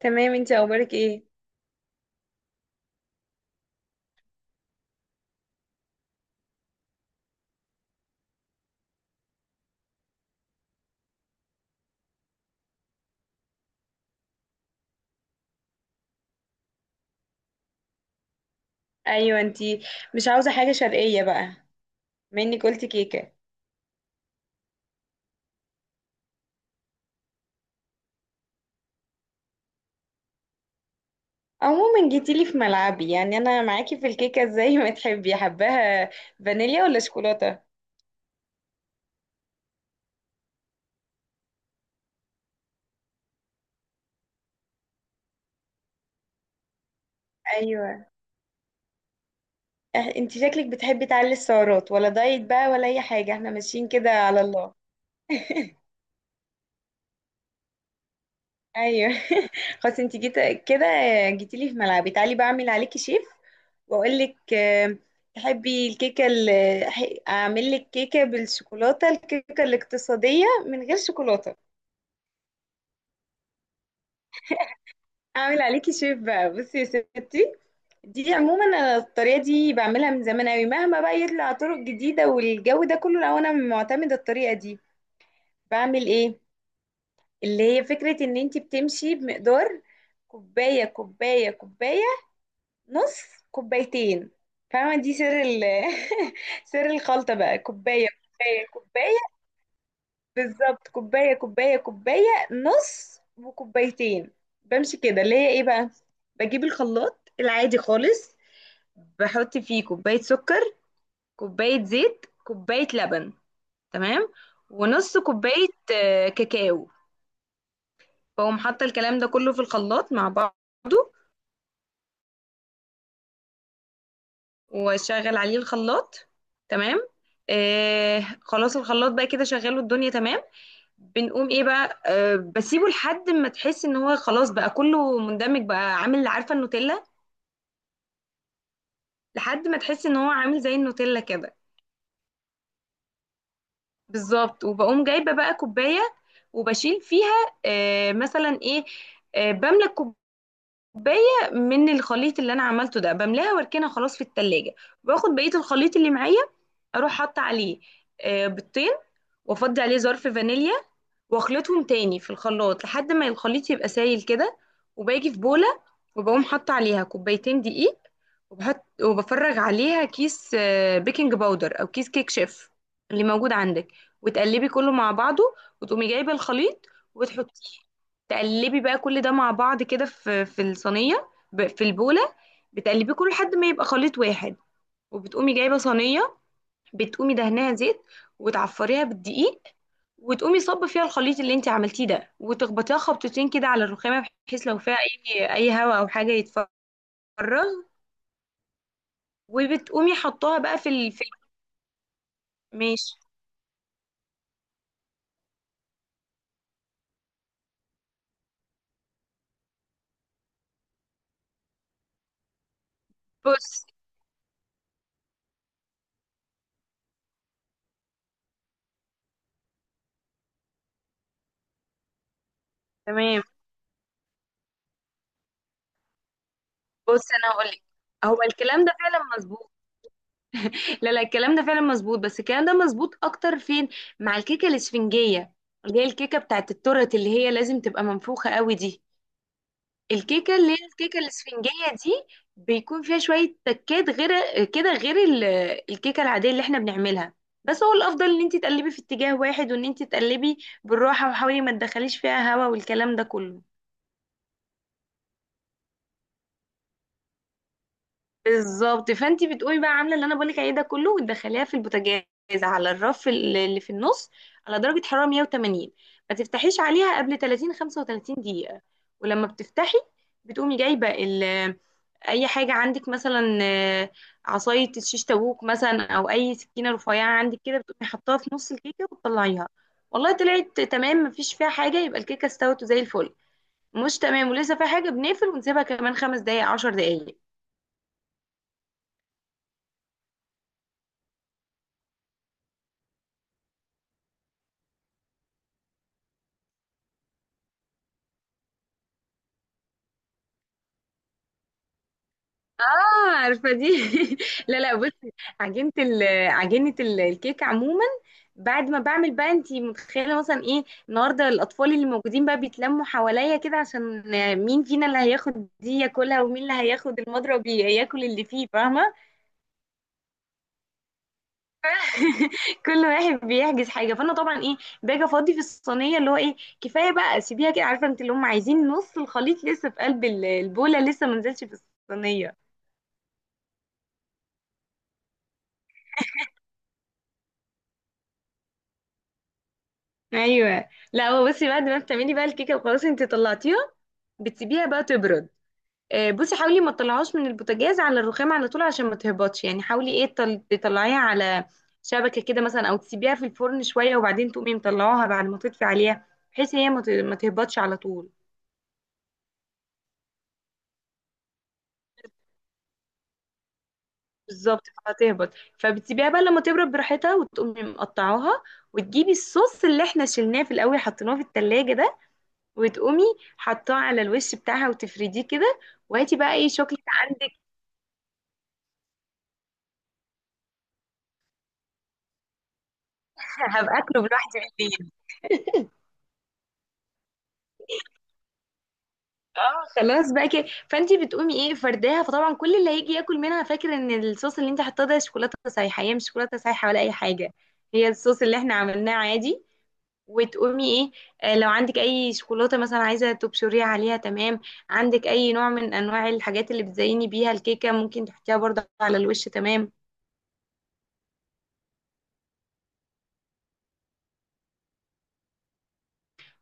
تمام، انتي اخبارك ايه؟ ايوه انتي، مش عاوزه حاجه شرقيه بقى؟ مني قلتي كيكه. عموما جيتيلي في ملعبي، يعني انا معاكي في الكيكه زي ما تحبي، حباها فانيليا ولا شوكولاته؟ ايوه. اه، انتي شكلك بتحبي تعلي السعرات ولا دايت بقى ولا اي حاجه؟ احنا ماشيين كده على الله. ايوه. خلاص انتي جيت كده، جيتيلي في ملعبي، تعالي بعمل عليكي شيف واقول لك. تحبي الكيكه اللي اعمل لك كيكه بالشوكولاته، الكيكه الاقتصاديه من غير شوكولاته؟ اعمل عليكي شيف بقى. بصي يا ستي، دي عموما انا الطريقه دي بعملها من زمان قوي، مهما بقى يطلع طرق جديده والجو ده كله، لو انا معتمده الطريقه دي بعمل ايه؟ اللي هي فكره ان انت بتمشي بمقدار كوبايه كوبايه كوبايه، نص، كوبايتين. فاهمه؟ دي سر ال سر الخلطه بقى، كوبايه كوبايه كوبايه بالظبط، كوباية كوباية كوباية، نص وكوبايتين. بمشي كده، اللي هي ايه بقى، بجيب الخلاط العادي خالص، بحط فيه كوباية سكر، كوباية زيت، كوباية لبن، تمام، ونص كوباية كاكاو. بقوم حاطة الكلام ده كله في الخلاط مع بعضه، واشغل عليه الخلاط، تمام. خلاص الخلاط بقى كده، شغله الدنيا تمام. بنقوم ايه بقى، بسيبه لحد ما تحس ان هو خلاص بقى كله مندمج، بقى عامل، عارفه النوتيلا؟ لحد ما تحس ان هو عامل زي النوتيلا كده. بالظبط، وبقوم جايبه بقى كوبايه وبشيل فيها مثلا ايه، بملى الكوبايه، كوباية من الخليط اللي انا عملته ده، بملاها واركنها خلاص في التلاجة. باخد بقية الخليط اللي معايا، اروح حاطة عليه بيضتين، وافضي عليه ظرف فانيليا، واخلطهم تاني في الخلاط لحد ما الخليط يبقى سايل كده. وباجي في بولة وبقوم حاطة عليها كوبايتين دقيق، وبحط وبفرغ عليها كيس بيكنج باودر او كيس كيك شيف اللي موجود عندك، وتقلبي كله مع بعضه. وتقومي جايبة الخليط وتحطيه، تقلبي بقى كل ده مع بعض كده في في البوله، بتقلبيه كله لحد ما يبقى خليط واحد. وبتقومي جايبه صينيه، بتقومي دهنها زيت وتعفريها بالدقيق، وتقومي صب فيها الخليط اللي انت عملتيه ده، وتخبطيها خبطتين كده على الرخامه، بحيث لو فيها اي هواء او حاجه يتفرغ. وبتقومي حطاها بقى في ماشي. بص، تمام. بص انا هقول لك، هو الكلام ده فعلا مظبوط. لا لا، الكلام ده فعلا مظبوط، بس الكلام ده مظبوط اكتر فين؟ مع الكيكه الاسفنجيه، اللي هي الكيكه بتاعت التورت، اللي هي لازم تبقى منفوخه قوي دي. الكيكه اللي هي الكيكه الاسفنجيه دي بيكون فيها شويه تكات، غير كده غير الكيكه العاديه اللي احنا بنعملها. بس هو الافضل ان انت تقلبي في اتجاه واحد، وان انت تقلبي بالراحه، وحاولي ما تدخليش فيها هوا والكلام ده كله. بالظبط، فانت بتقومي بقى عامله اللي انا بقولك عليه ده كله، وتدخليها في البوتاجاز، على الرف اللي في النص، على درجه حراره 180. ما تفتحيش عليها قبل 30 35 دقيقه. ولما بتفتحي، بتقومي جايبه اي حاجه عندك مثلا، عصايه الشيش تاووك مثلا او اي سكينه رفيعه عندك كده، بتقومي حطاها في نص الكيكه وتطلعيها. والله طلعت تمام مفيش فيها حاجه، يبقى الكيكه استوت زي الفل. مش تمام ولسه فيها حاجه، بنقفل ونسيبها كمان خمس دقائق عشر دقائق. اه، عارفه دي. لا لا بصي، عجينه ال... عجينه الكيك عموما بعد ما بعمل بقى، انت متخيله مثلا ايه النهارده؟ الاطفال اللي موجودين بقى بيتلموا حواليا كده، عشان مين فينا اللي هياخد دي ياكلها، ومين اللي هياخد المضرب ياكل اللي فيه. فاهمه؟ كل واحد بيحجز حاجه. فانا طبعا ايه، باجي افضي في الصينيه، اللي هو ايه، كفايه بقى سيبيها كده، عارفه انت اللي هم عايزين نص الخليط لسه في قلب البوله، لسه ما نزلش في الصينيه. ايوه لا، هو بصي بعد ما بتعملي بقى الكيكه وخلاص انت طلعتيها، بتسيبيها بقى تبرد. بصي حاولي ما تطلعهاش من البوتاجاز على الرخام على طول عشان ما تهبطش يعني. حاولي ايه، تطلعيها على شبكه كده مثلا، او تسيبيها في الفرن شويه، وبعدين تقومي مطلعوها بعد ما تطفي عليها، بحيث هي ما تهبطش على طول. بالظبط هتهبط. فبتسيبيها بقى لما تبرد براحتها، وتقومي مقطعاها، وتجيبي الصوص اللي احنا شلناه في الاول حطيناه في التلاجة ده، وتقومي حطاه على الوش بتاعها وتفرديه كده. وهاتي بقى ايه، شوكليت عندك. هبقى اكله لوحدي بالليل. اه خلاص بقى كده، فانت بتقومي ايه، فرداها. فطبعا كل اللي هيجي ياكل منها فاكر ان الصوص اللي انت حطاه ده شوكولاته سايحه، هي مش شوكولاته سايحه ولا اي حاجه، هي الصوص اللي احنا عملناه عادي. وتقومي ايه، لو عندك اي شوكولاته مثلا عايزه تبشريها عليها، تمام. عندك اي نوع من انواع الحاجات اللي بتزيني بيها الكيكه ممكن تحطيها برضه على الوش، تمام.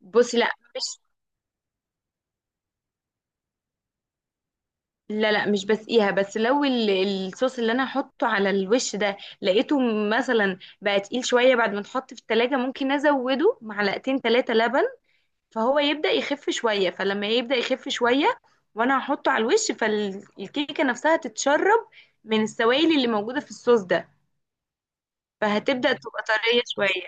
بصي لا مش، لا لا مش بسقيها، بس لو الصوص اللي انا هحطه على الوش ده لقيته مثلا بقى تقيل شويه بعد ما اتحط في التلاجة، ممكن ازوده معلقتين ثلاثه لبن، فهو يبدأ يخف شويه. فلما يبدأ يخف شويه وانا هحطه على الوش، فالكيكه نفسها تتشرب من السوائل اللي موجوده في الصوص ده، فهتبدأ تبقى طريه شويه.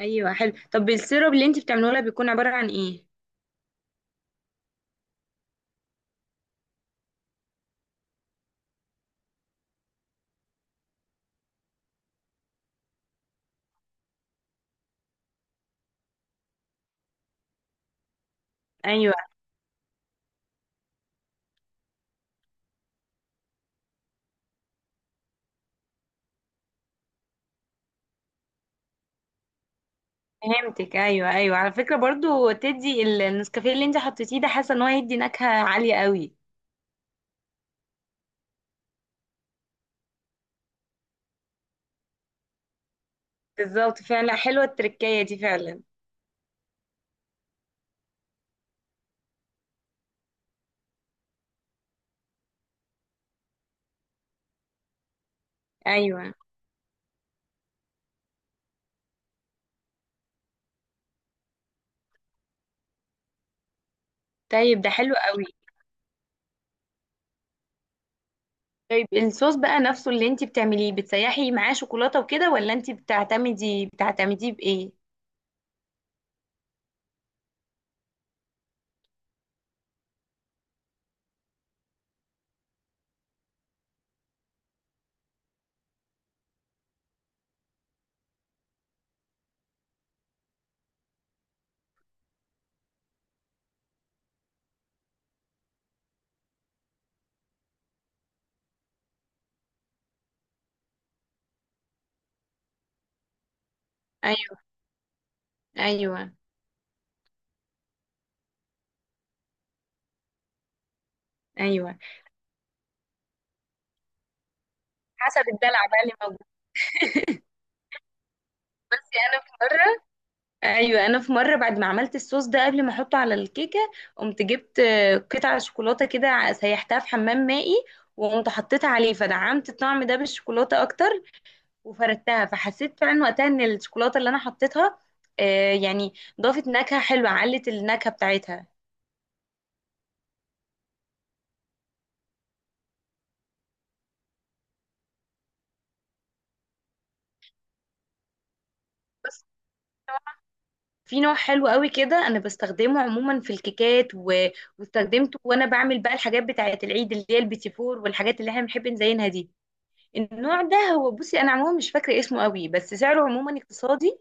ايوه حلو. طب السيرب اللي انت بتعمله لها بيكون عباره عن ايه؟ ايوه فهمتك. ايوه ايوه، على فكره برضو تدي النسكافيه اللي انت حطيتيه ده، حاسه ان هو هيدي نكهه عاليه قوي. بالظبط، فعلا حلوه التركية دي فعلا. ايوه. طيب ده حلو قوي. طيب الصوص بقى نفسه اللي انت بتعمليه بتسيحي معاه شوكولاته وكده، ولا انت بتعتمدي بتعتمديه بايه؟ ايوه ايوه ايوه، حسب الدلع بقى اللي موجود. بس انا في مره، ايوه انا في مره بعد ما عملت الصوص ده قبل ما احطه على الكيكه، قمت جبت قطعه شوكولاته كده، سيحتها في حمام مائي، وقمت حطيتها عليه، فدعمت الطعم ده بالشوكولاته اكتر، وفردتها. فحسيت فعلا وقتها ان الشوكولاته اللي انا حطيتها يعني ضافت نكهه حلوه، علت النكهه بتاعتها. بس في نوع حلو قوي كده، انا بستخدمه عموما في الكيكات واستخدمته وانا بعمل بقى الحاجات بتاعه العيد، اللي هي البيتي فور والحاجات اللي احنا بنحب نزينها دي. النوع ده هو بصي انا عموما مش فاكره اسمه قوي، بس سعره عموما اقتصادي،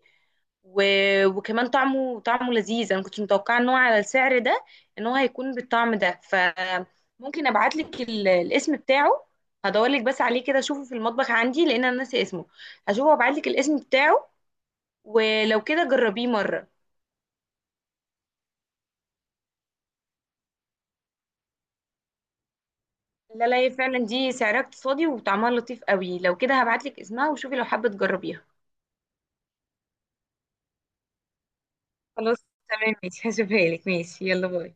و... وكمان طعمه لذيذ. انا ما كنتش متوقعه ان هو على السعر ده، ان هو هيكون بالطعم ده. فممكن ابعت لك الاسم بتاعه، هدور لك بس عليه كده اشوفه في المطبخ عندي، لان انا ناسي اسمه. هشوفه وابعت لك الاسم بتاعه، ولو كده جربيه مره. لا لا، هي فعلا دي سعرها اقتصادي وطعمها لطيف قوي، لو كده هبعت لك اسمها، وشوفي لو حابه تجربيها. خلاص، تمام ماشي، هشوفها لك ماشي، يلا باي.